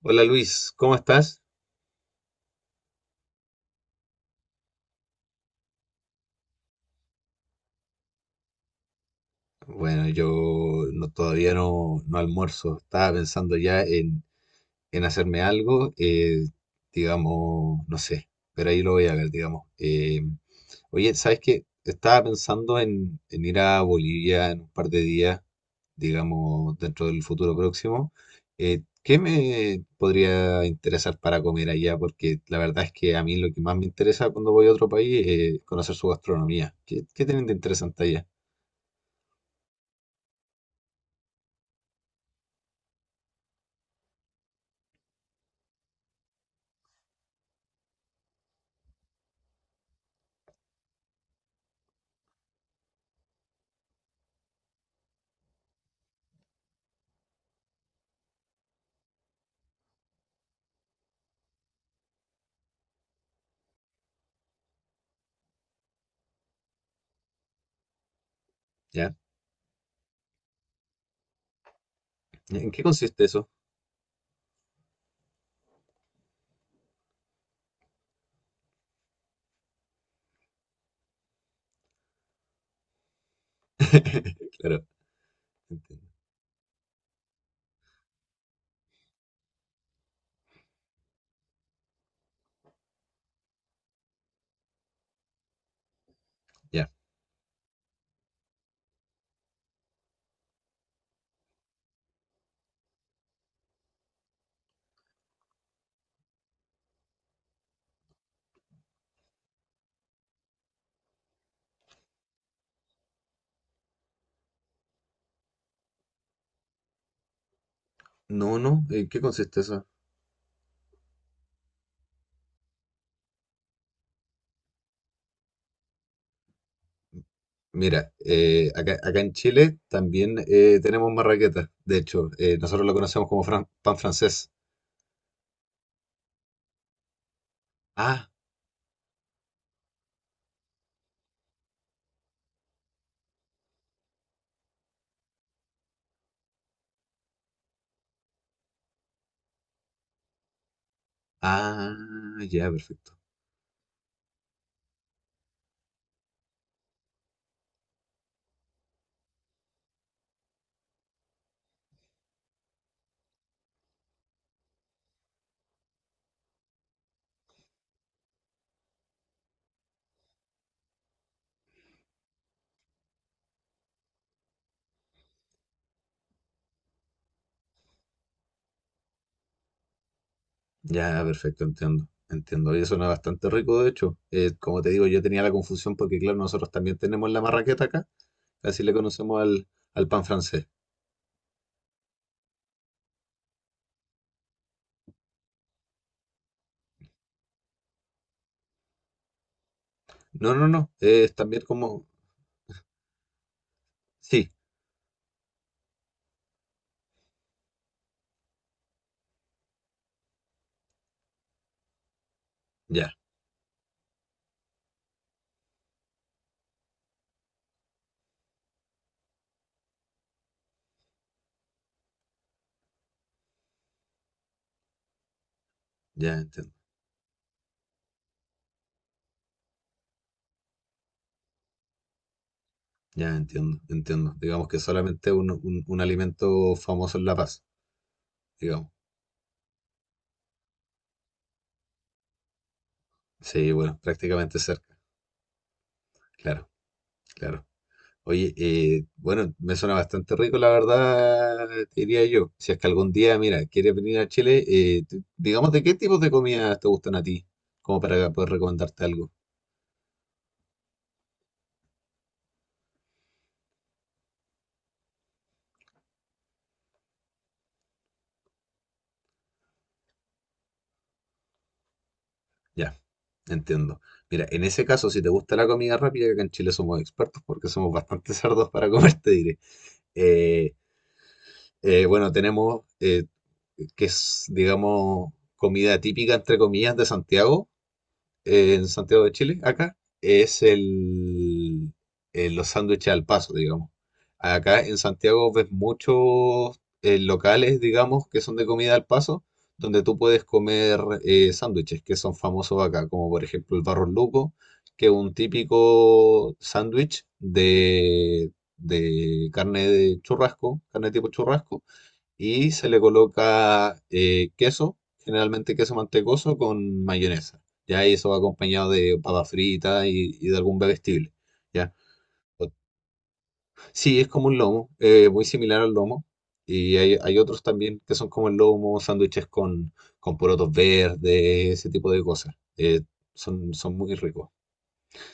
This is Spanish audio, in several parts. Hola Luis, ¿cómo estás? Bueno, yo todavía no almuerzo. Estaba pensando ya en hacerme algo, digamos, no sé, pero ahí lo voy a ver, digamos. Oye, ¿sabes qué? Estaba pensando en ir a Bolivia en un par de días, digamos, dentro del futuro próximo. ¿Qué me podría interesar para comer allá? Porque la verdad es que a mí lo que más me interesa cuando voy a otro país es conocer su gastronomía. ¿Qué tienen de interesante allá? ¿Ya? ¿En qué consiste eso? Claro, entiendo. Ya. No, no, ¿en qué consiste eso? Mira, acá, acá en Chile también tenemos marraqueta. De hecho, nosotros lo conocemos como pan francés. Ah, ah, ya, perfecto. Ya, perfecto, entiendo. Entiendo. Y suena bastante rico, de hecho. Como te digo, yo tenía la confusión porque, claro, nosotros también tenemos la marraqueta acá. Así le conocemos al, al pan francés. No, no, no. Es también como. Sí, ya, ya entiendo. Ya entiendo, entiendo. Digamos que solamente un alimento famoso en La Paz, digamos. Sí, bueno, prácticamente cerca. Claro, claro. Oye, bueno, me suena bastante rico, la verdad, te diría yo. Si es que algún día, mira, quieres venir a Chile, digamos, ¿de qué tipos de comidas te gustan a ti? Como para poder recomendarte algo. Ya, entiendo. Mira, en ese caso, si te gusta la comida rápida, que acá en Chile somos expertos porque somos bastante cerdos para comer, te diré. Eh, bueno, tenemos que es, digamos, comida típica, entre comillas, de Santiago, en Santiago de Chile, acá, es los sándwiches al paso, digamos. Acá en Santiago ves muchos locales, digamos, que son de comida al paso, donde tú puedes comer sándwiches que son famosos acá, como por ejemplo el Barro Luco, que es un típico sándwich de carne de churrasco, carne tipo churrasco y se le coloca queso, generalmente queso mantecoso con mayonesa. Ya y eso va acompañado de papa frita y de algún bebestible. ¿Ya? Sí, es como un lomo, muy similar al lomo. Hay otros también que son como el lomo, con porotos verdes, ese tipo de cosas. Son, son muy ricos.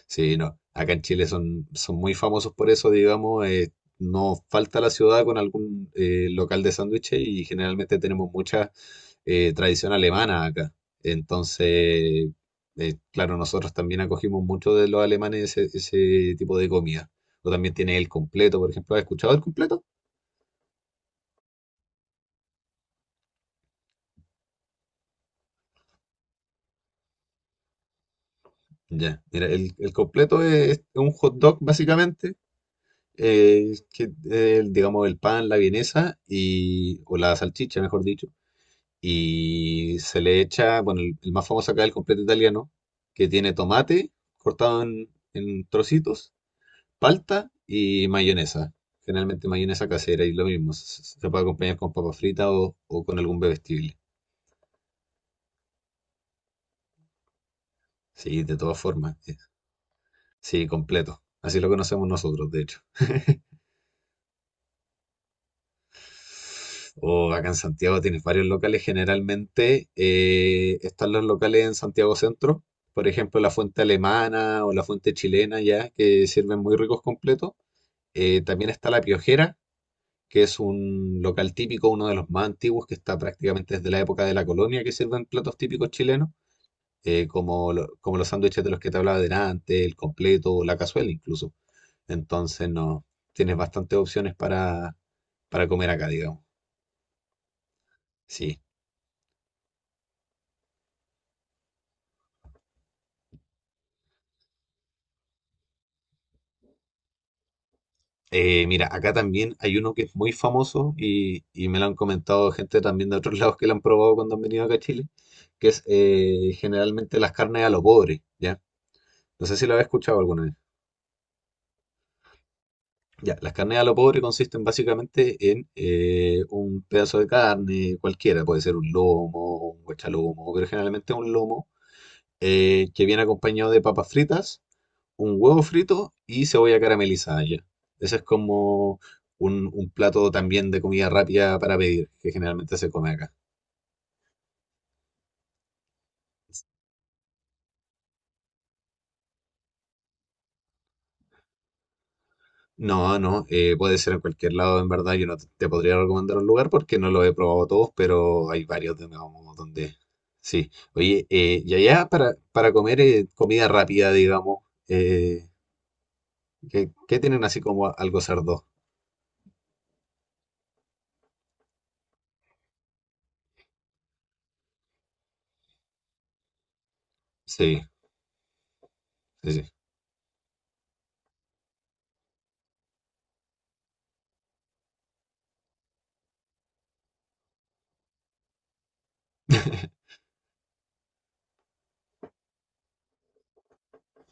Sí, no. Acá en Chile son, son muy famosos por eso, digamos. No falta la ciudad con algún local de sándwiches y generalmente tenemos mucha tradición alemana acá. Entonces, claro, nosotros también acogimos mucho de los alemanes ese, ese tipo de comida. O también tiene el completo, por ejemplo. ¿Has escuchado el completo? Ya, mira, el completo es, un hot dog básicamente, digamos el pan, la vienesa y, o la salchicha, mejor dicho y se le echa, bueno, el más famoso acá es el completo italiano, que tiene tomate cortado en trocitos, palta y mayonesa. Generalmente mayonesa casera y lo mismo, puede acompañar con papas fritas o con algún bebestible. Sí, de todas formas, sí, completo. Así lo conocemos nosotros, de hecho. O acá en Santiago tienes varios locales. Generalmente están los locales en Santiago Centro, por ejemplo, la fuente alemana o la fuente chilena, ya que sirven muy ricos completos. También está La Piojera, que es un local típico, uno de los más antiguos, que está prácticamente desde la época de la colonia, que sirven platos típicos chilenos, como los sándwiches de los que te hablaba delante, el completo, o la cazuela incluso. Entonces, no, tienes bastantes opciones para comer acá, digamos. Sí. Mira, acá también hay uno que es muy famoso y me lo han comentado gente también de otros lados que lo han probado cuando han venido acá a Chile, que es generalmente las carnes a lo pobre, ¿ya? No sé si lo habéis escuchado alguna vez. Ya, las carnes a lo pobre consisten básicamente en un pedazo de carne cualquiera, puede ser un lomo, un guachalomo, pero generalmente un lomo que viene acompañado de papas fritas, un huevo frito y cebolla caramelizada ya. Ese es como un plato también de comida rápida para pedir, que generalmente se come acá. No, no, puede ser en cualquier lado, en verdad. Yo no te podría recomendar un lugar porque no lo he probado todos, pero hay varios de digamos, donde sí. Oye, y allá para comer comida rápida, digamos, eh, ¿qué tienen así como algo cerdo? Sí, sí, sí.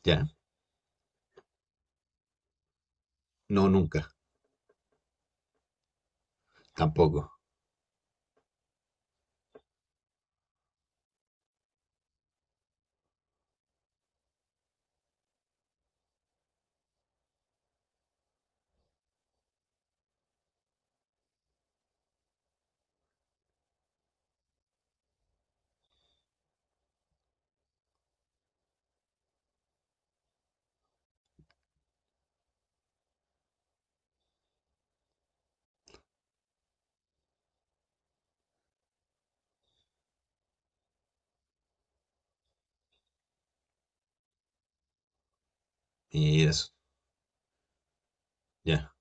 Ya, no, nunca, tampoco. Mira eso, ya.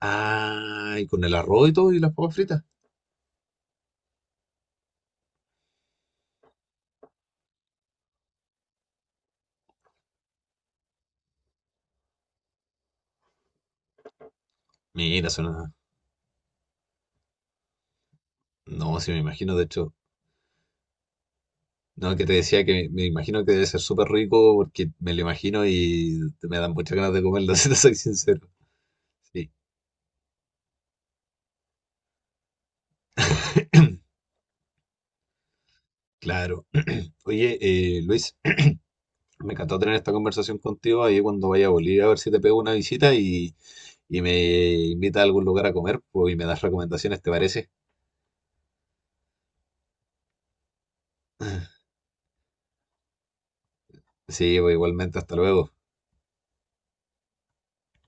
Ah, y con el arroz y todo y las papas fritas. Mira, suena. No, no, sí me imagino, de hecho, no, que te decía que me imagino que debe ser súper rico porque me lo imagino y me dan muchas ganas de comerlo, si te soy sincero. Sí. Claro. Oye, Luis, me encantó tener esta conversación contigo ahí cuando vaya a Bolivia, a ver si te pego una visita y me invita a algún lugar a comer pues, y me das recomendaciones, ¿te parece? Sí, pues, igualmente, hasta luego.